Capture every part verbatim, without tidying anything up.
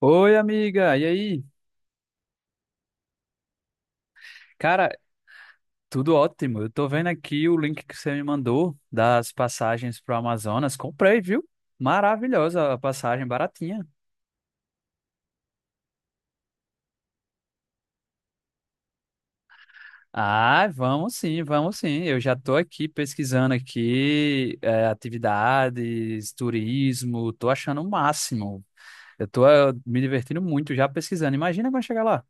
Oi, amiga, e aí? Cara, tudo ótimo. Eu tô vendo aqui o link que você me mandou das passagens pro Amazonas. Comprei, viu? Maravilhosa a passagem, baratinha. Ah, vamos sim, vamos sim. Eu já tô aqui pesquisando aqui, eh, atividades, turismo, tô achando o máximo. Eu tô, eh, me divertindo muito já pesquisando. Imagina quando chegar lá.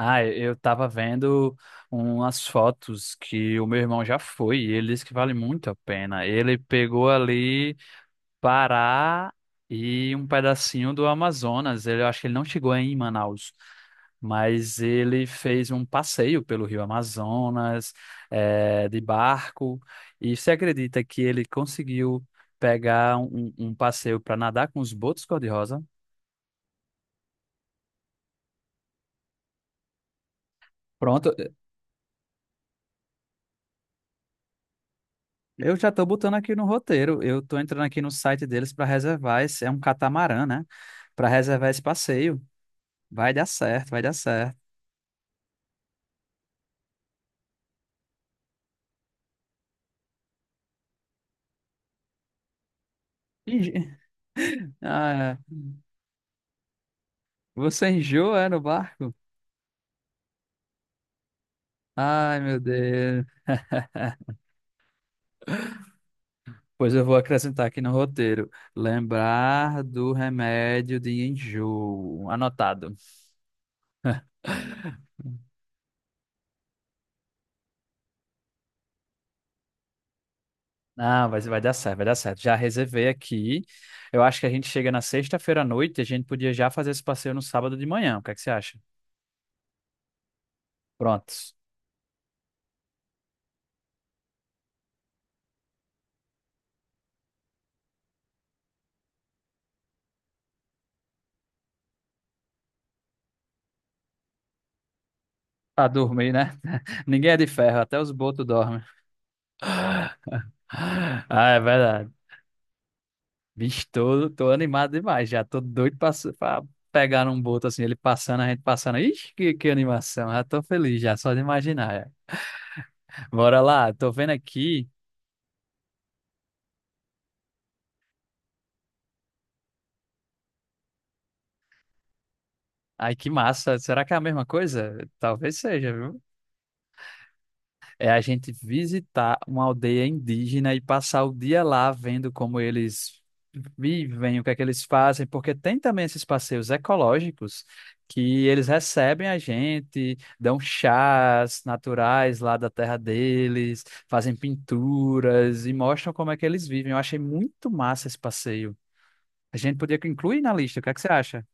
Ah, eu tava vendo umas fotos que o meu irmão já foi e ele disse que vale muito a pena. Ele pegou ali Pará e um pedacinho do Amazonas. Ele, eu acho que ele não chegou aí em Manaus, mas ele fez um passeio pelo Rio Amazonas, eh, de barco. E você acredita que ele conseguiu pegar um, um um passeio para nadar com os botos cor-de-rosa? Pronto, eu já tô botando aqui no roteiro. Eu tô entrando aqui no site deles para reservar esse, é um catamarã, né? Para reservar esse passeio. Vai dar certo, vai dar certo. Enjo- Ah, é. Você enjoa, é, no barco? Ai, meu Deus. Pois eu vou acrescentar aqui no roteiro. Lembrar do remédio de enjoo. Anotado. Ah, vai, vai dar certo, vai dar certo. Já reservei aqui. Eu acho que a gente chega na sexta-feira à noite. A gente podia já fazer esse passeio no sábado de manhã. O que é que você acha? Pronto. Pra dormir, né? Ninguém é de ferro, até os botos dormem. Ah, é verdade. Bicho, tô, tô animado demais já. Tô doido pra, su- pra pegar num boto assim, ele passando, a gente passando. Ixi, que, que animação. Já tô feliz já, só de imaginar. Já. Bora lá, tô vendo aqui. Ai, que massa. Será que é a mesma coisa? Talvez seja, viu? É a gente visitar uma aldeia indígena e passar o dia lá vendo como eles vivem, o que é que eles fazem, porque tem também esses passeios ecológicos que eles recebem a gente, dão chás naturais lá da terra deles, fazem pinturas e mostram como é que eles vivem. Eu achei muito massa esse passeio. A gente podia incluir na lista, o que é que você acha?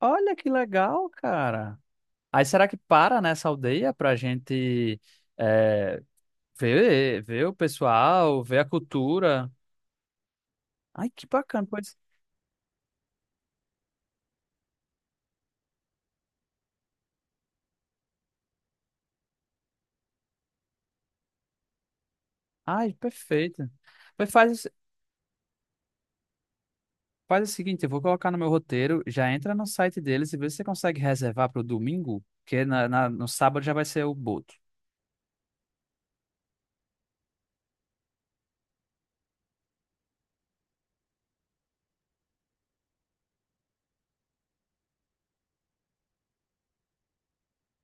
Olha que legal, cara. Aí será que para nessa aldeia pra gente. eh, Vê, vê o pessoal, vê a cultura. Ai, que bacana, pois. Ai, perfeito. Pois faz, o- faz o seguinte, eu vou colocar no meu roteiro, já entra no site deles e vê se você consegue reservar para o domingo, porque na, na- no sábado já vai ser o boto.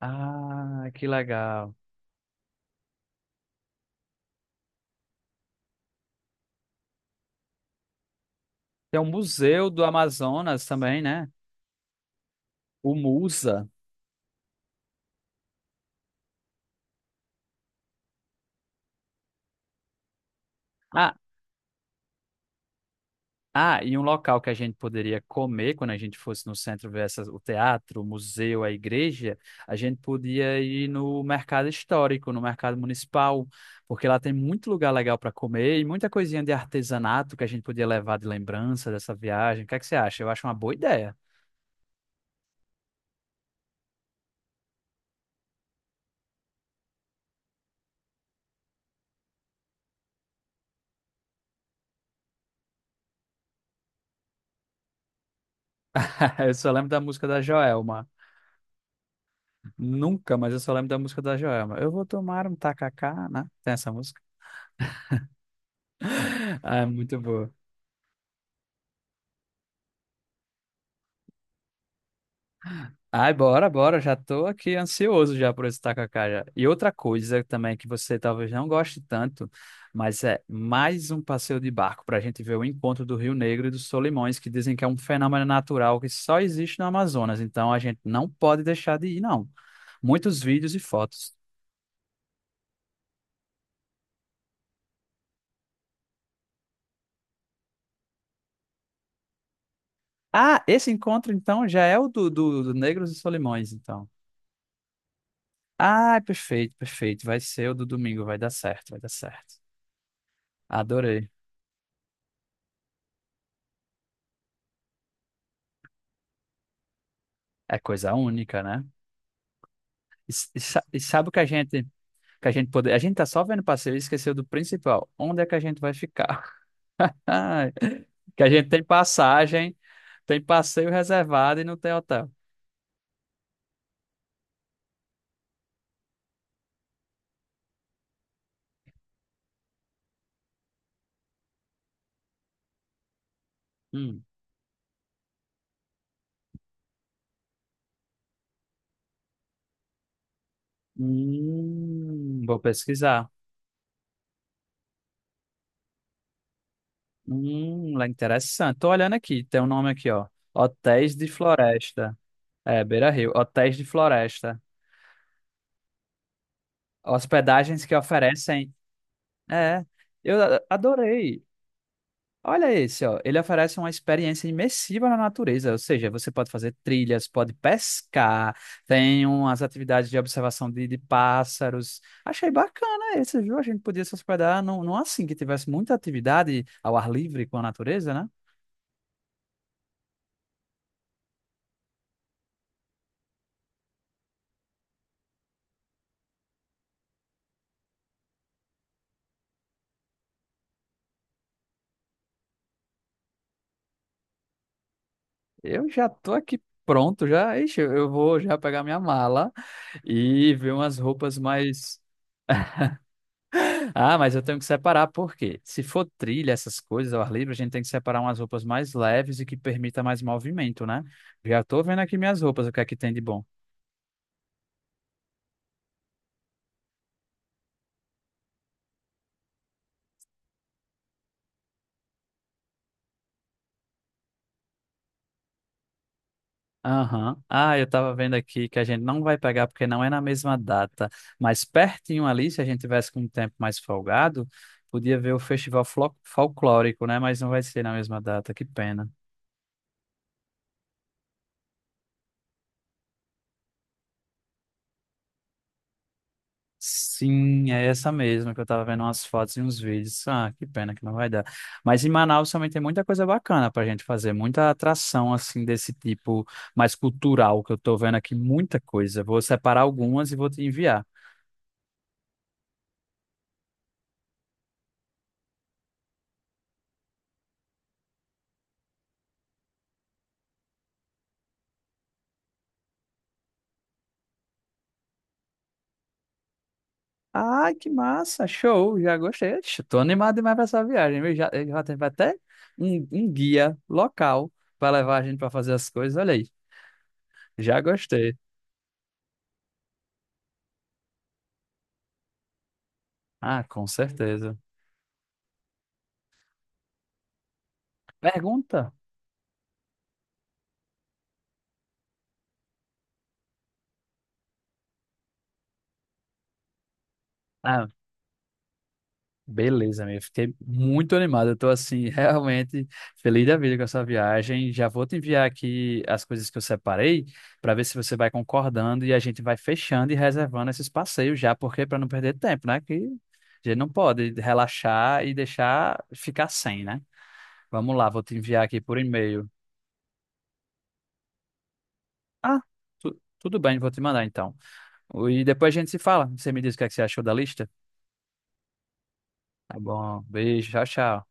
Ah, que legal. Tem o Museu do Amazonas também, né? O Musa. Ah, ah, e um local que a gente poderia comer quando a gente fosse no centro ver essas- o teatro, o museu, a igreja, a gente podia ir no mercado histórico, no mercado municipal, porque lá tem muito lugar legal para comer e muita coisinha de artesanato que a gente podia levar de lembrança dessa viagem. O que é que você acha? Eu acho uma boa ideia. Eu só lembro da música da Joelma. Nunca, mas eu só lembro da música da Joelma. Eu vou tomar um tacacá, né? Tem essa música? Ah, é muito boa. Ai, bora, bora. Já tô aqui ansioso já por esse tacacá já. E outra coisa também que você talvez não goste tanto, mas é mais um passeio de barco para a gente ver o encontro do Rio Negro e dos Solimões, que dizem que é um fenômeno natural que só existe no Amazonas. Então a gente não pode deixar de ir, não. Muitos vídeos e fotos. Ah, esse encontro então já é o do, do, do Negros e Solimões, então. Ah, perfeito, perfeito. Vai ser o do domingo, vai dar certo, vai dar certo. Adorei. É coisa única, né? E, s- e sa- e sabe o que a gente que a gente poder, a gente tá só vendo passeio e esqueceu do principal. Onde é que a gente vai ficar? Que a gente tem passagem, tem passeio reservado e não tem hotel. Hum. Hum, vou pesquisar. Hum, lá interessante. Tô olhando aqui, tem um nome aqui, ó. Hotéis de Floresta. É, Beira Rio, Hotéis de Floresta. Hospedagens que oferecem. É, eu a- adorei. Olha esse, ó. Ele oferece uma experiência imersiva na natureza, ou seja, você pode fazer trilhas, pode pescar, tem umas atividades de observação de, de pássaros. Achei bacana esse, viu? A gente podia se hospedar num, num assim que tivesse muita atividade ao ar livre com a natureza, né? Eu já tô aqui pronto, já. Ixi, eu eu vou já pegar minha mala e ver umas roupas mais. Ah, mas eu tenho que separar, porque se for trilha, essas coisas, ao ar livre, a gente tem que separar umas roupas mais leves e que permita mais movimento, né? Já tô vendo aqui minhas roupas, o que é que tem de bom. Aham. Ah, eu tava vendo aqui que a gente não vai pegar porque não é na mesma data, mas pertinho ali, se a gente tivesse com um tempo mais folgado, podia ver o festival flo- folclórico, né? Mas não vai ser na mesma data, que pena. Sim, é essa mesma que eu tava vendo umas fotos e uns vídeos. Ah, que pena que não vai dar. Mas em Manaus também tem muita coisa bacana pra gente fazer, muita atração assim desse tipo mais cultural que eu tô vendo aqui, muita coisa. Vou separar algumas e vou te enviar. Ai, que massa, show, já gostei. Ixi, tô animado demais pra essa viagem, viu? Já, já teve até um, um guia local pra levar a gente pra fazer as coisas. Olha aí, já gostei. Ah, com certeza. Pergunta? Beleza, amigo. Fiquei muito animado. Eu tô assim, realmente feliz da vida com essa viagem. Já vou te enviar aqui as coisas que eu separei para ver se você vai concordando e a gente vai fechando e reservando esses passeios já, porque para não perder tempo, né? Que a gente não pode relaxar e deixar ficar sem, né? Vamos lá, vou te enviar aqui por e-mail. Ah, tu- tudo bem, vou te mandar então. E depois a gente se fala. Você me diz o que é que você achou da lista? Tá bom, beijo, tchau, tchau.